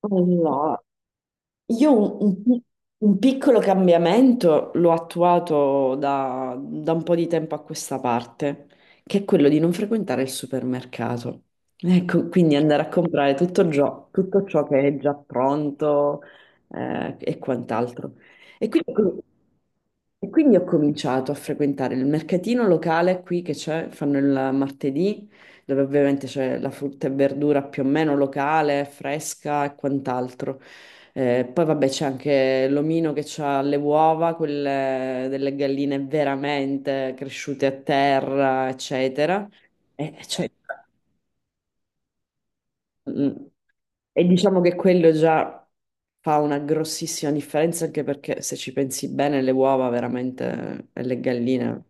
Allora, io un piccolo cambiamento l'ho attuato da un po' di tempo a questa parte, che è quello di non frequentare il supermercato. Ecco, quindi andare a comprare tutto ciò che è già pronto, e quant'altro. E quindi, e quindi ho cominciato a frequentare il mercatino locale qui che c'è, fanno il martedì, dove ovviamente c'è la frutta e verdura più o meno locale, fresca e quant'altro. Poi vabbè c'è anche l'omino che ha le uova, quelle delle galline veramente cresciute a terra, eccetera. E, cioè, mm, e diciamo che quello già fa una grossissima differenza anche perché se ci pensi bene le uova veramente e le galline.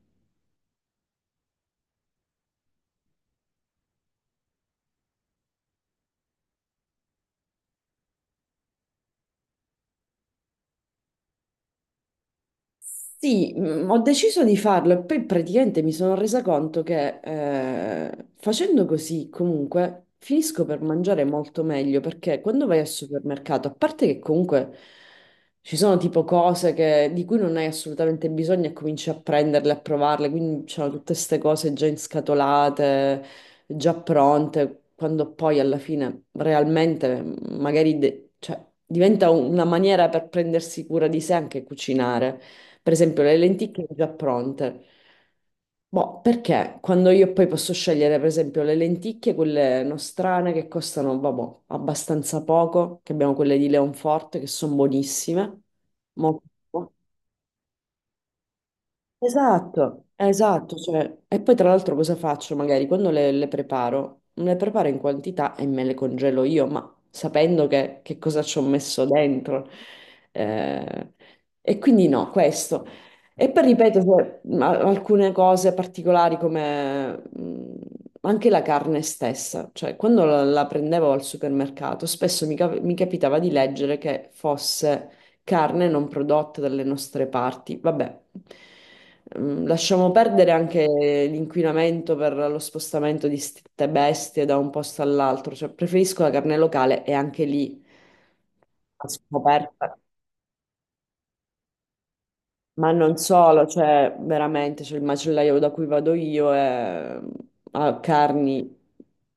Sì, ho deciso di farlo e poi praticamente mi sono resa conto che facendo così comunque finisco per mangiare molto meglio, perché quando vai al supermercato, a parte che comunque ci sono tipo cose di cui non hai assolutamente bisogno e cominci a prenderle, a provarle, quindi c'erano tutte queste cose già inscatolate, già pronte, quando poi alla fine realmente magari cioè, diventa una maniera per prendersi cura di sé anche cucinare. Per esempio, le lenticchie già pronte. Boh, perché quando io poi posso scegliere, per esempio, le lenticchie, quelle nostrane che costano, vabbè, abbastanza poco, che abbiamo quelle di Leonforte che sono buonissime, molto. Buone. Esatto, esatto, cioè, e poi tra l'altro cosa faccio? Magari quando le preparo in quantità e me le congelo io, ma sapendo che cosa ci ho messo dentro. Eh, e quindi no, questo. E poi ripeto, cioè, alcune cose particolari come anche la carne stessa, cioè quando la prendevo al supermercato, spesso mi capitava di leggere che fosse carne non prodotta dalle nostre parti. Vabbè. Lasciamo perdere anche l'inquinamento per lo spostamento di ste bestie da un posto all'altro, cioè preferisco la carne locale e anche lì a scoperta. Ma non solo, cioè veramente c'è il macellaio da cui vado io e ha carni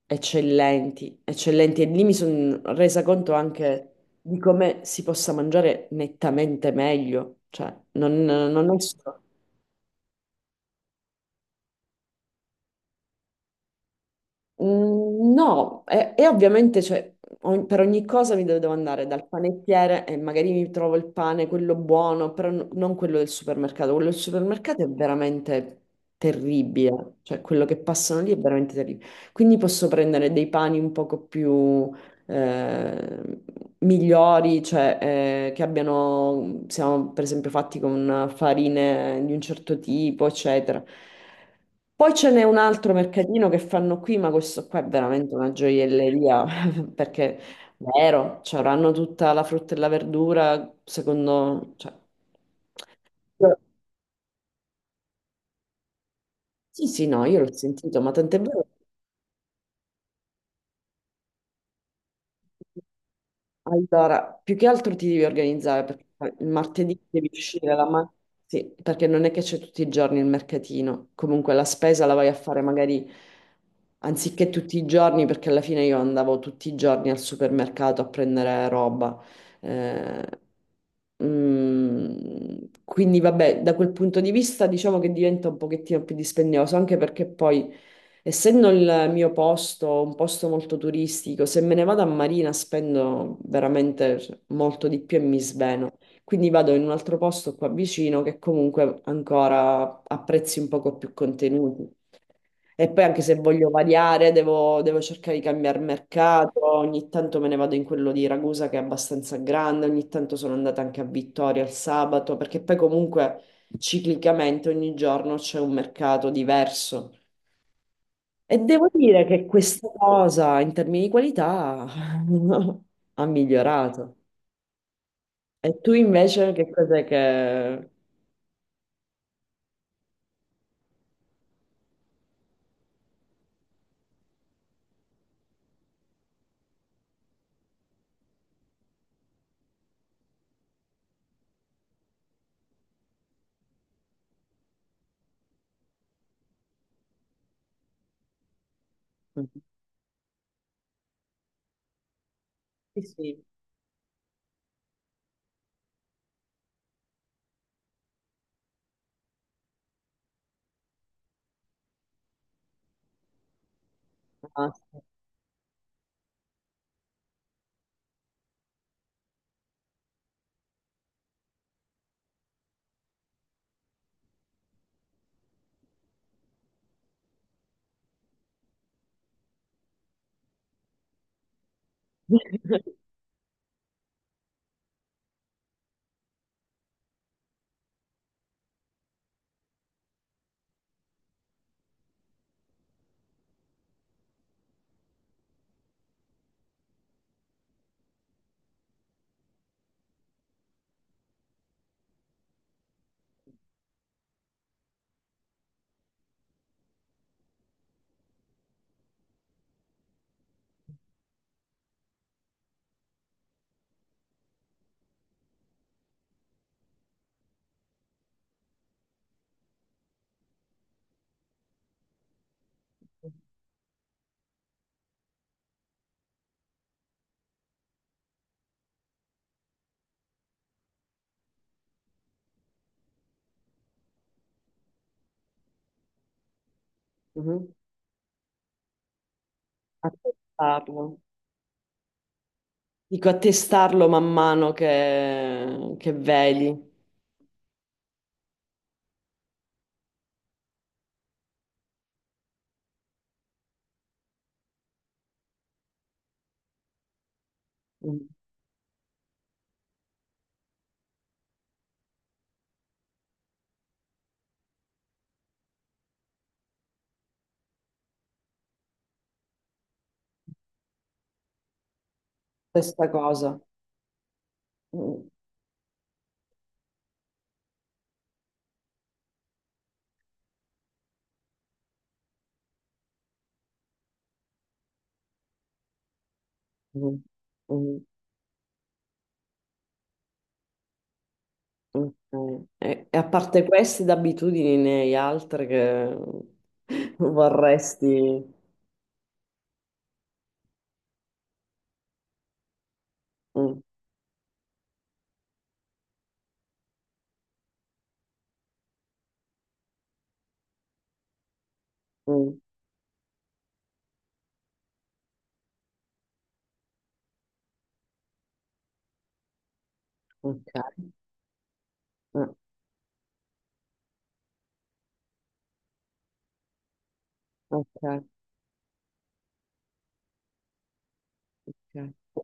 eccellenti, eccellenti. E lì mi sono resa conto anche di come si possa mangiare nettamente meglio. Cioè, non è solo. No, e ovviamente cioè, per ogni cosa mi devo andare dal panettiere e magari mi trovo il pane, quello buono, però non quello del supermercato. Quello del supermercato è veramente terribile, cioè quello che passano lì è veramente terribile. Quindi posso prendere dei pani un poco più eh, migliori, cioè che abbiano, siamo per esempio fatti con farine di un certo tipo, eccetera. Poi ce n'è un altro mercatino che fanno qui, ma questo qua è veramente una gioielleria, perché vero, cioè, avranno tutta la frutta e la verdura, secondo, cioè, sì, sì, no, io l'ho sentito, ma tant'è vero. Allora, più che altro ti devi organizzare, perché il martedì devi uscire la mattina, sì, perché non è che c'è tutti i giorni il mercatino. Comunque la spesa la vai a fare magari anziché tutti i giorni, perché alla fine io andavo tutti i giorni al supermercato a prendere roba. Eh, quindi vabbè, da quel punto di vista diciamo che diventa un pochettino più dispendioso, anche perché poi essendo il mio posto un posto molto turistico, se me ne vado a Marina spendo veramente molto di più e mi sveno. Quindi vado in un altro posto qua vicino che comunque ancora ha prezzi un poco più contenuti. E poi anche se voglio variare, devo cercare di cambiare mercato. Ogni tanto me ne vado in quello di Ragusa che è abbastanza grande, ogni tanto sono andata anche a Vittoria il sabato, perché poi comunque ciclicamente ogni giorno c'è un mercato diverso. E devo dire che questa cosa in termini di qualità ha migliorato. E tu invece che cos'è che? Sì, sì. Ah, sì. Mhm. A testarlo. Dico, a testarlo man mano che vedi. Mhm. Questa cosa. Mhm. Mhm. Mhm. Ok. E a parte queste d'abitudini, ne hai altre che vorresti? Mm, mm. Ok, eh, ok, ok.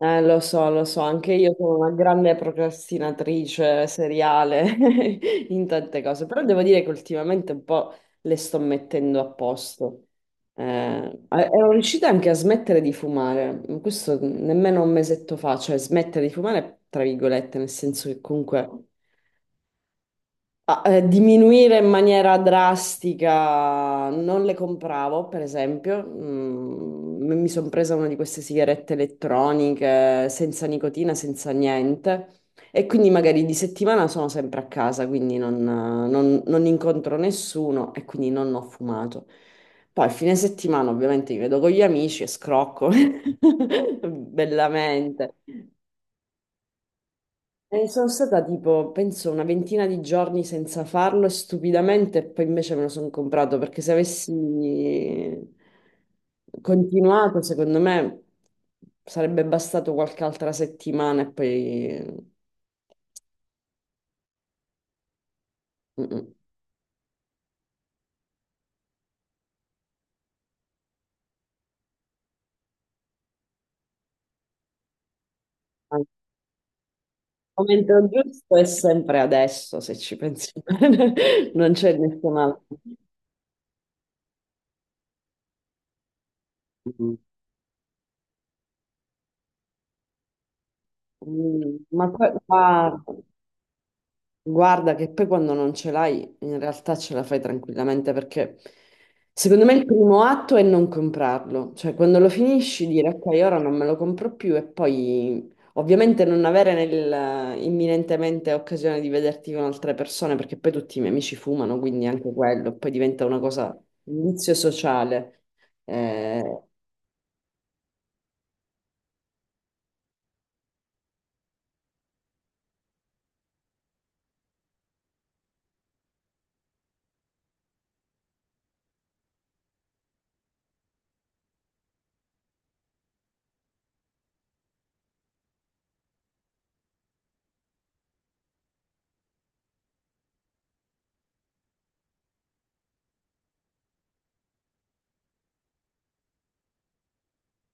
Lo so, anche io sono una grande procrastinatrice seriale in tante cose, però devo dire che ultimamente un po' le sto mettendo a posto. Ero riuscita anche a smettere di fumare, questo nemmeno un mesetto fa, cioè smettere di fumare, tra virgolette, nel senso che comunque. Diminuire in maniera drastica, non le compravo, per esempio. Mi sono presa una di queste sigarette elettroniche senza nicotina, senza niente. E quindi magari di settimana sono sempre a casa, quindi non incontro nessuno e quindi non ho fumato. Poi a fine settimana ovviamente mi vedo con gli amici e scrocco bellamente. Sono stata tipo, penso, una ventina di giorni senza farlo, e stupidamente poi invece me lo sono comprato, perché se avessi continuato, secondo me sarebbe bastato qualche altra settimana e poi. Mm-mm. Al momento giusto è sempre adesso, se ci pensi bene, non c'è nessun altro. Mm. Ma poi, guarda che poi quando non ce l'hai, in realtà ce la fai tranquillamente, perché secondo me il primo atto è non comprarlo, cioè quando lo finisci dire ok, ora non me lo compro più, e poi ovviamente non avere nel, imminentemente occasione di vederti con altre persone, perché poi tutti i miei amici fumano, quindi anche quello, poi diventa una cosa, un vizio sociale. Eh,